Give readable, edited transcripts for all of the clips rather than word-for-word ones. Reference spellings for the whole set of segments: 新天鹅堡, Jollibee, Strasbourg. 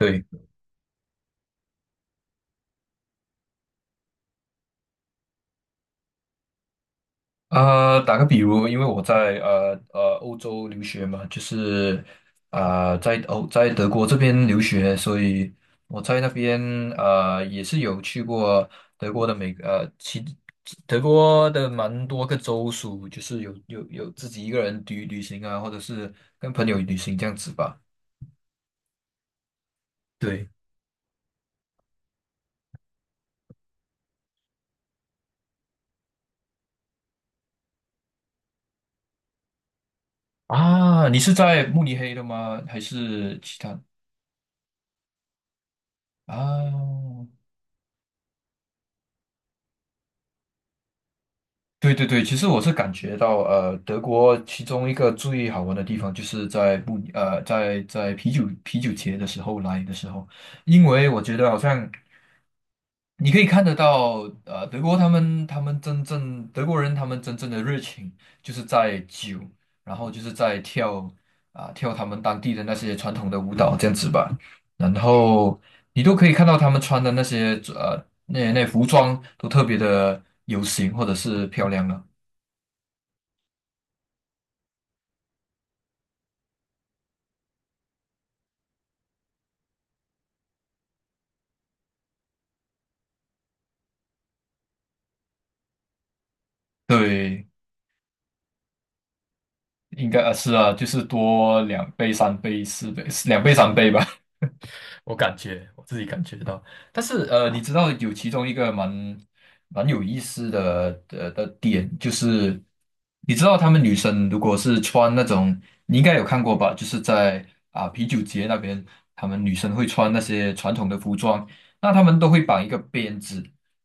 对啊，打个比如，因为我在欧洲留学嘛，就是在德国这边留学，所以我在那边也是有去过德国的每呃其德国的蛮多个州属，就是有自己一个人旅行啊，或者是跟朋友旅行这样子吧。对啊，你是在慕尼黑的吗？还是其他啊？对对对，其实我是感觉到，德国其中一个最好玩的地方就是在不呃，在啤酒节的时候来的时候，因为我觉得好像你可以看得到，德国他们真正德国人他们真正的热情，就是在酒，然后就是在跳他们当地的那些传统的舞蹈这样子吧，然后你都可以看到他们穿的那些那服装都特别的有型或者是漂亮了。对，应该啊是啊，就是多两倍、三倍、4倍、两倍、三倍吧。我感觉我自己感觉到，但是你知道有其中一个蛮有意思的点，就是你知道他们女生如果是穿那种，你应该有看过吧？就是在啤酒节那边，他们女生会穿那些传统的服装，那他们都会绑一个辫子。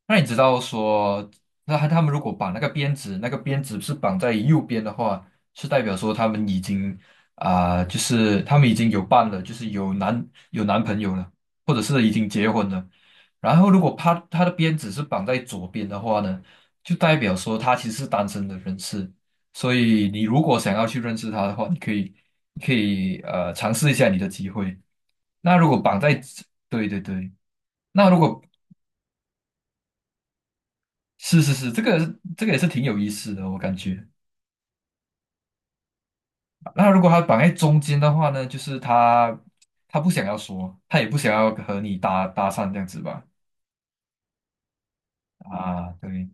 那你知道说，那他们如果绑那个辫子，那个辫子是绑在右边的话，是代表说他们已经有伴了，就是有男朋友了，或者是已经结婚了。然后，如果他的鞭子是绑在左边的话呢，就代表说他其实是单身的人士。所以，你如果想要去认识他的话，你可以尝试一下你的机会。那如果绑在，对对对。那如果是是是，这个也是挺有意思的，我感觉。那如果他绑在中间的话呢，就是他不想要说，他也不想要和你搭讪这样子吧？啊，对，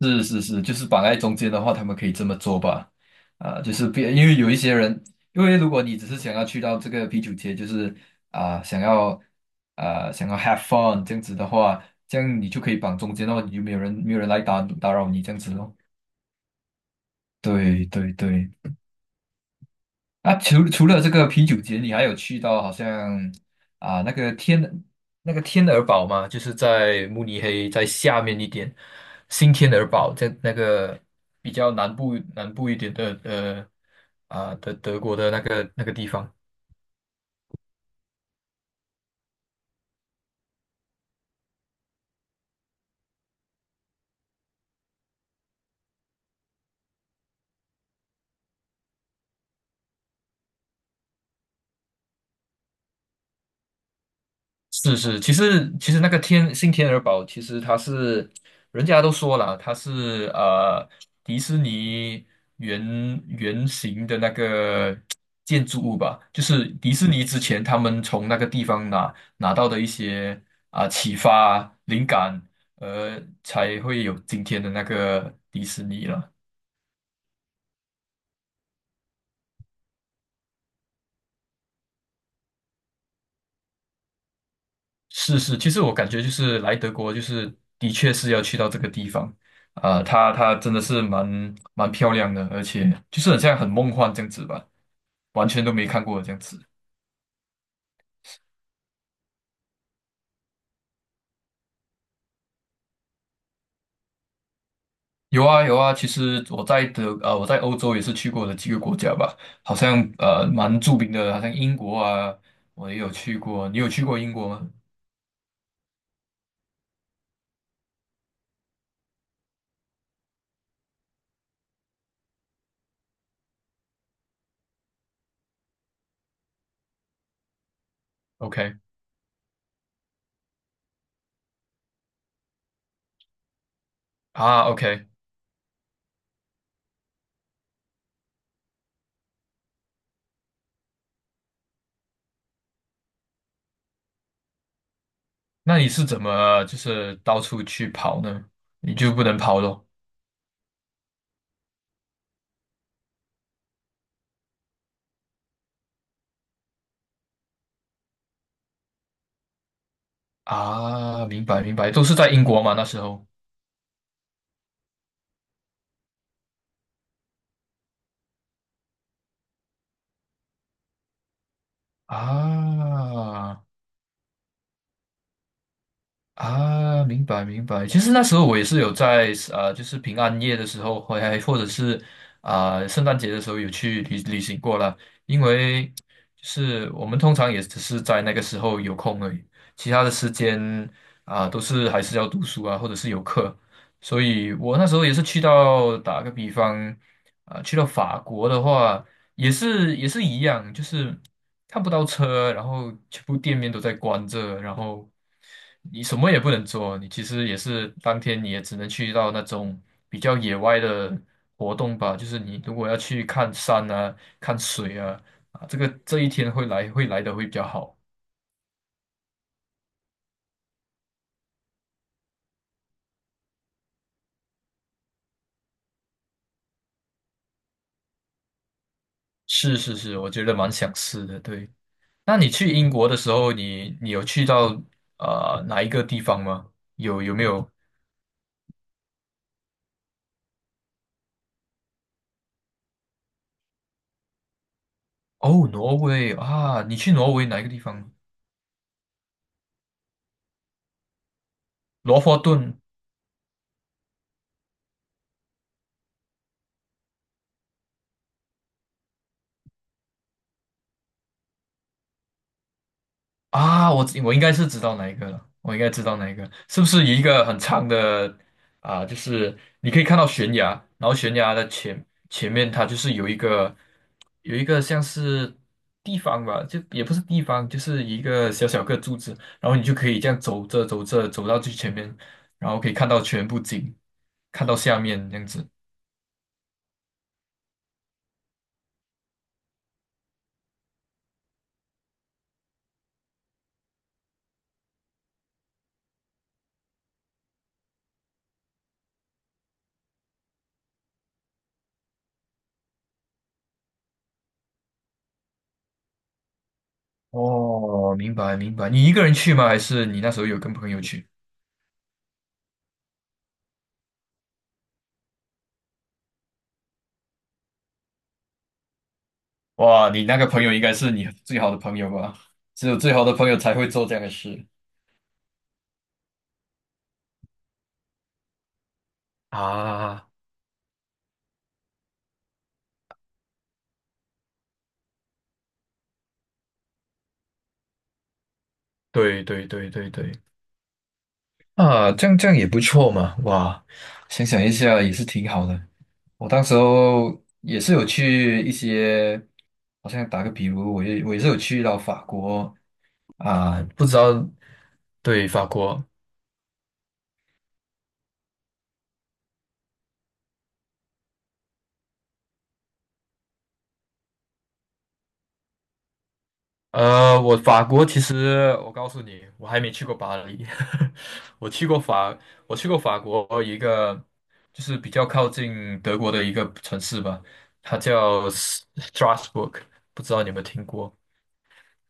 是是是，就是绑在中间的话，他们可以这么做吧？啊，就是别，因为有一些人，因为如果你只是想要去到这个啤酒节，就是啊、想要想要 have fun 这样子的话，这样你就可以绑中间的话，你就没有人来打扰你这样子咯。对对对。啊，除了这个啤酒节，你还有去到好像啊那个天那个天鹅堡吗？就是在慕尼黑在下面一点，新天鹅堡在那个比较南部一点的德国的那个地方。是是，其实那个新天鹅堡，其实它是人家都说了，它是迪士尼原型的那个建筑物吧，就是迪士尼之前他们从那个地方拿到的一些启发灵感，才会有今天的那个迪士尼了。是是，其实我感觉就是来德国，就是的确是要去到这个地方，它真的是蛮漂亮的，而且就是很像很梦幻这样子吧，完全都没看过这样子。有啊有啊，其实我在欧洲也是去过的几个国家吧，好像蛮著名的，好像英国啊，我也有去过。你有去过英国吗？OK OK，那你是怎么就是到处去跑呢？你就不能跑咯？啊，明白明白，都是在英国嘛那时候。啊啊，明白明白。其实那时候我也是有在就是平安夜的时候，或或者是圣诞节的时候有去旅行过了。因为就是我们通常也只是在那个时候有空而已，其他的时间都是还是要读书啊，或者是有课。所以我那时候也是去到打个比方。去到法国的话，也是一样，就是看不到车，然后全部店面都在关着，然后你什么也不能做，你其实也是当天你也只能去到那种比较野外的活动吧，就是你如果要去看山啊、看水啊，啊，这个这一天会来的会比较好。是是是，我觉得蛮想试的。对，那你去英国的时候，你有去到哪一个地方吗？有有没有哦，挪威啊，你去挪威哪一个地方？罗佛顿啊，我应该是知道哪一个了，我应该知道哪一个，是不是一个很长的啊？就是你可以看到悬崖，然后悬崖的前面它就是有一个像是地方吧，就也不是地方，就是一个小小个柱子，然后你就可以这样走着走着走到最前面，然后可以看到全部景，看到下面这样子。哦，明白明白。你一个人去吗？还是你那时候有跟朋友去？哇，你那个朋友应该是你最好的朋友吧？只有最好的朋友才会做这样的事。啊，对对对对对，啊，这样也不错嘛，哇，想一下也是挺好的。我当时候也是有去一些，好像打个比如，我也是有去到法国啊，不知道，对，法国。我法国其实我告诉你，我还没去过巴黎，我去过法，我去过法国一个就是比较靠近德国的一个城市吧，它叫 Strasbourg，不知道你有没有听过？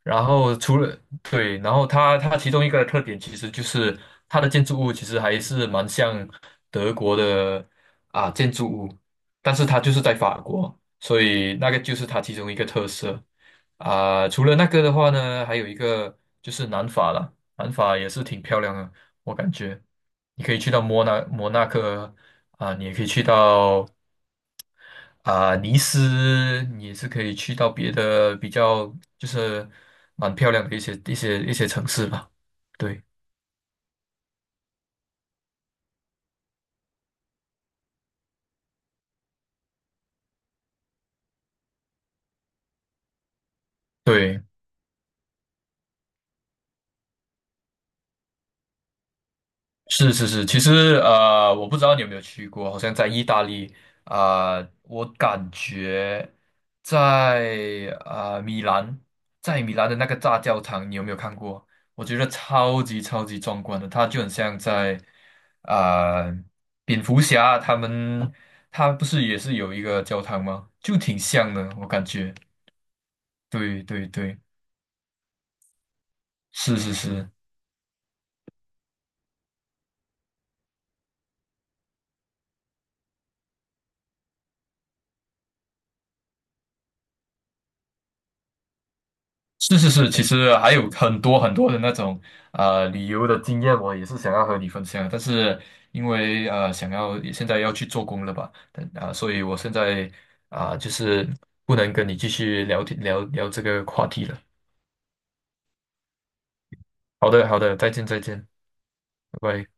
然后对，然后它其中一个特点其实就是它的建筑物其实还是蛮像德国的建筑物，但是它就是在法国，所以那个就是它其中一个特色啊。除了那个的话呢，还有一个就是南法了，南法也是挺漂亮的，我感觉你可以去到摩纳哥啊，你也可以去到尼斯你也是可以去到别的比较就是蛮漂亮的一些城市吧。对对。是是是，其实我不知道你有没有去过，好像在意大利我感觉在米兰，在米兰的那个大教堂，你有没有看过？我觉得超级超级壮观的，它就很像在啊、呃蝙蝠侠他们，他不是也是有一个教堂吗？就挺像的，我感觉。对对对，是是是。是是是，其实还有很多很多的那种旅游的经验，我也是想要和你分享，但是因为想要现在要去做工了吧，但所以我现在就是不能跟你继续聊天聊聊这个话题了。好的好的，再见再见，拜拜。